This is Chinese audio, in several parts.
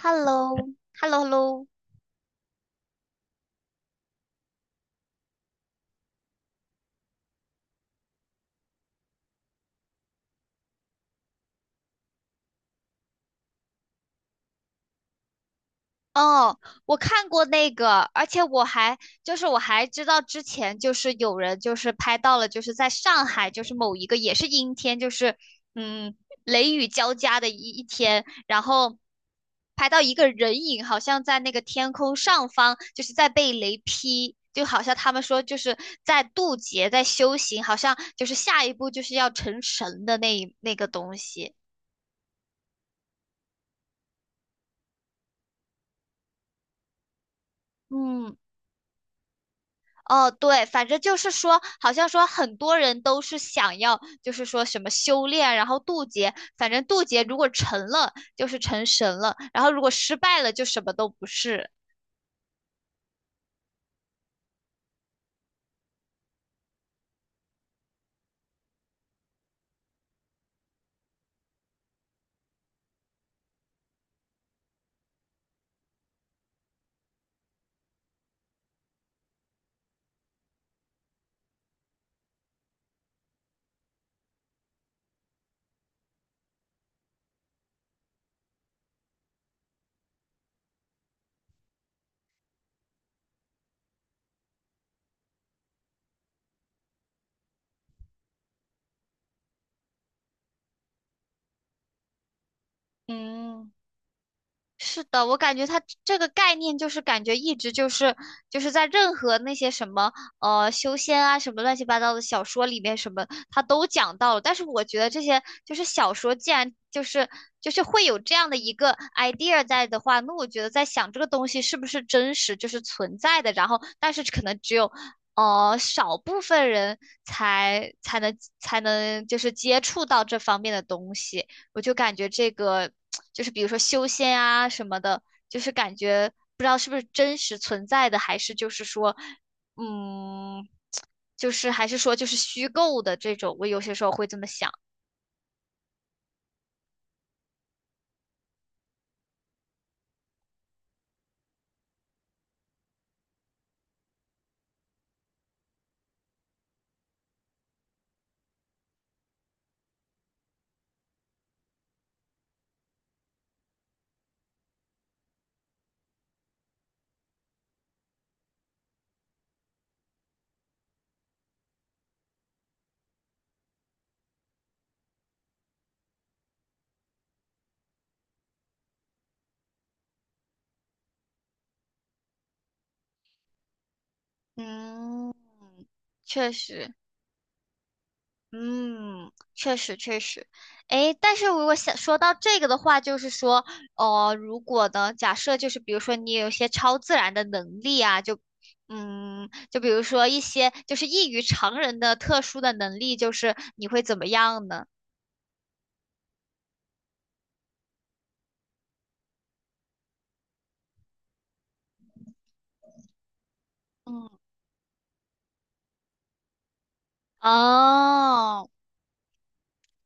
h e l l o h e l l o h e l l o 哦，我看过那个，而且我还知道之前就是有人就是拍到了，就是在上海就是某一个也是阴天，嗯雷雨交加的一天，然后拍到一个人影好像在那个天空上方，就是在被雷劈，就好像他们说就是在渡劫，在修行，好像就是下一步就是要成神的那个东西。嗯。哦，对，反正就是说，好像说很多人都是想要，就是说什么修炼，然后渡劫。反正渡劫如果成了，就是成神了；然后如果失败了，就什么都不是。嗯。是的，我感觉它这个概念就是感觉一直就是在任何那些什么修仙啊什么乱七八糟的小说里面什么它都讲到了，但是我觉得这些就是小说既然就是会有这样的一个 idea 在的话，那我觉得在想这个东西是不是真实就是存在的，然后但是可能只有少部分人才能就是接触到这方面的东西。我就感觉这个就是比如说修仙啊什么的，就是感觉不知道是不是真实存在的，还是就是说，嗯，就是还是说就是虚构的这种，我有些时候会这么想。嗯，确实，嗯，确实确实，诶，但是如果想说到这个的话，就是说，哦、如果呢，假设就是比如说你有一些超自然的能力啊，就，嗯，就比如说一些就是异于常人的特殊的能力，就是你会怎么样呢？嗯，哦，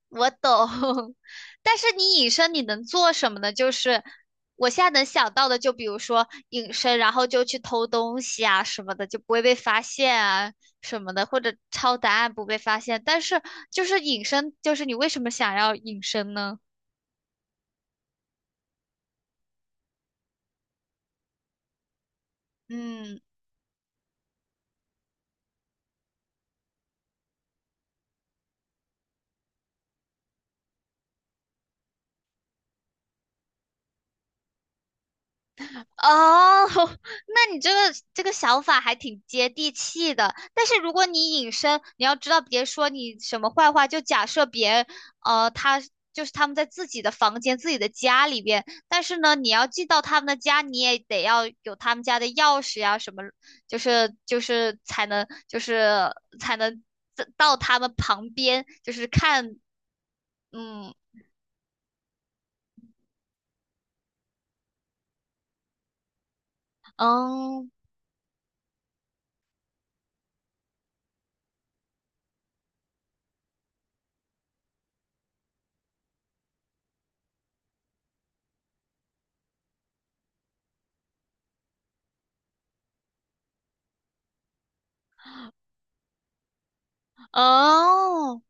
我懂，但是你隐身你能做什么呢？就是我现在能想到的，就比如说隐身，然后就去偷东西啊什么的，就不会被发现啊什么的，或者抄答案不被发现。但是就是隐身，就是你为什么想要隐身呢？嗯，哦，那你这个想法还挺接地气的，但是如果你隐身，你要知道，别说你什么坏话，就假设别人，他就是他们在自己的房间、自己的家里边，但是呢，你要进到他们的家，你也得要有他们家的钥匙呀，什么，就是才能才能到他们旁边，就是看，嗯嗯哦。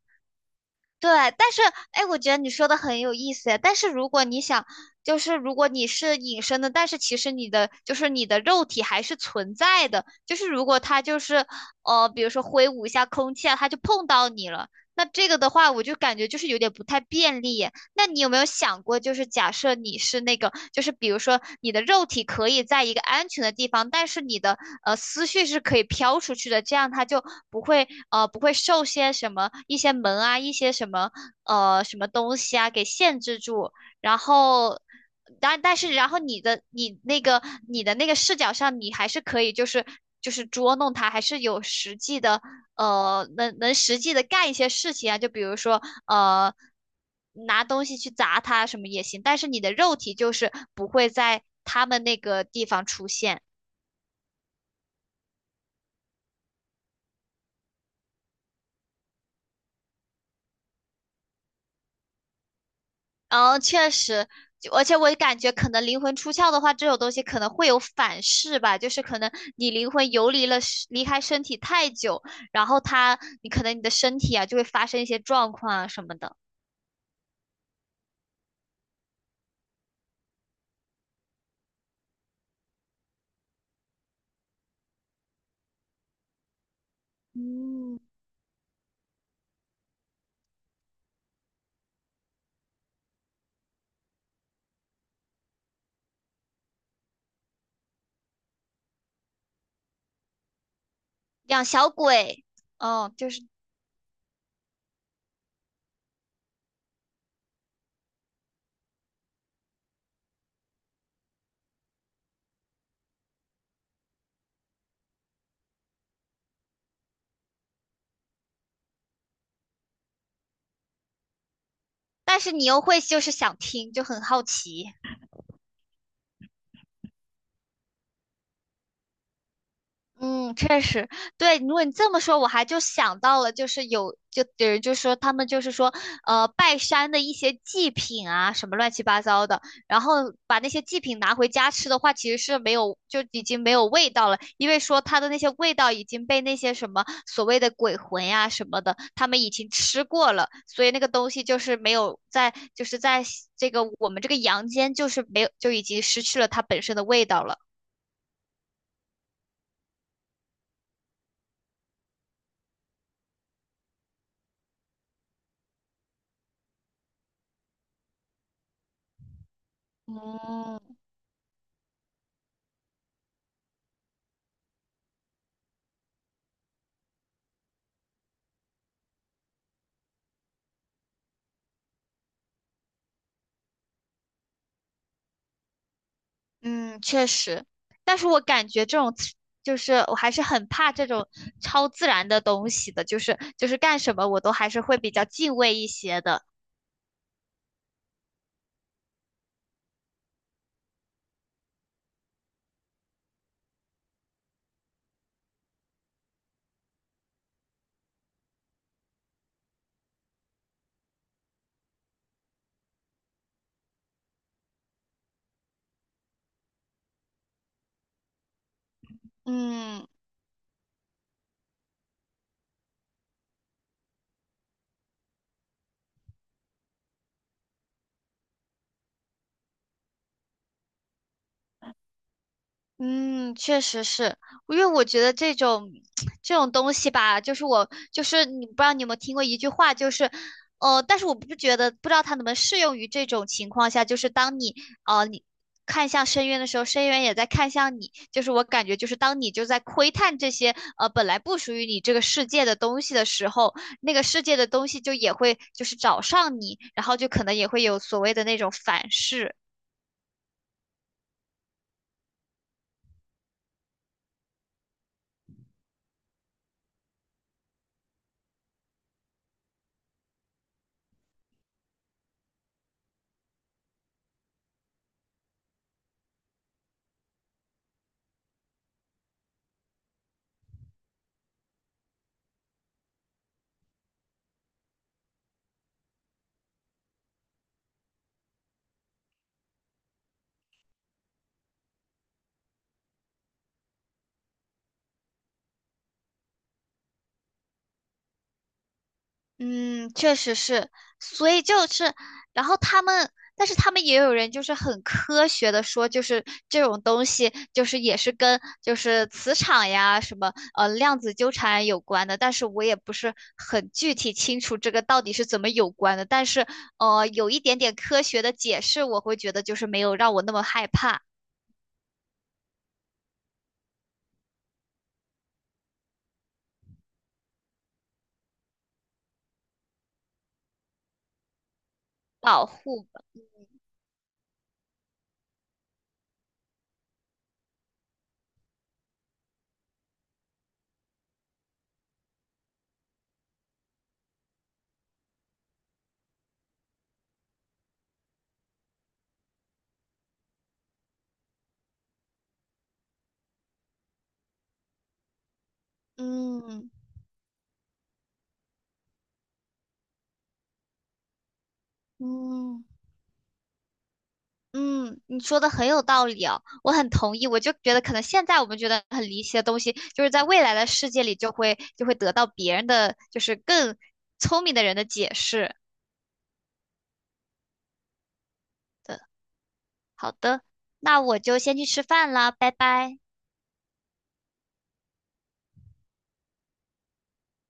对，但是哎，我觉得你说的很有意思。但是如果你想，就是如果你是隐身的，但是其实你的肉体还是存在的。就是如果他就是比如说挥舞一下空气啊，他就碰到你了。那这个的话，我就感觉就是有点不太便利耶。那你有没有想过，就是假设你是那个，就是比如说你的肉体可以在一个安全的地方，但是你的思绪是可以飘出去的，这样他就不会不会受些什么一些门啊一些什么什么东西啊给限制住，然后。但但是，然后你那个你的那个视角上，你还是可以就是捉弄他，还是有实际的呃，能能实际的干一些事情啊，就比如说呃，拿东西去砸他什么也行，但是你的肉体就是不会在他们那个地方出现。嗯，确实，就而且我感觉可能灵魂出窍的话，这种东西可能会有反噬吧，就是可能你灵魂游离了离开身体太久，然后它，你可能你的身体啊就会发生一些状况啊什么的，养小鬼，嗯，就是，但是你又会就是想听，就很好奇。嗯，确实，对。如果你这么说，我还就想到了，就是就有人就说他们就是说，拜山的一些祭品啊，什么乱七八糟的，然后把那些祭品拿回家吃的话，其实是没有，就已经没有味道了，因为说它的那些味道已经被那些什么所谓的鬼魂呀、什么的，他们已经吃过了，所以那个东西就是没有在，就是在这个我们这个阳间，就是没有，就已经失去了它本身的味道了。嗯。嗯，确实，但是我感觉这种自就是我还是很怕这种超自然的东西的，就是干什么我都还是会比较敬畏一些的。嗯。嗯，确实是，因为我觉得这种 这种东西吧，就是我就是你不知道你有没有听过一句话，就是呃，但是我不觉得不知道它能不能适用于这种情况下，就是当你呃你看向深渊的时候，深渊也在看向你，就是我感觉就是当你就在窥探这些本来不属于你这个世界的东西的时候，那个世界的东西就也会就是找上你，然后就可能也会有所谓的那种反噬。嗯，确实是，所以就是，然后他们，但是他们也有人就是很科学的说，就是这种东西就是也是跟就是磁场呀什么量子纠缠有关的，但是我也不是很具体清楚这个到底是怎么有关的，但是有一点点科学的解释，我会觉得就是没有让我那么害怕保护吧嗯嗯。嗯，你说的很有道理哦，我很同意。我就觉得，可能现在我们觉得很离奇的东西，就是在未来的世界里就会得到别人的，就是更聪明的人的解释的。好的，那我就先去吃饭啦，拜拜。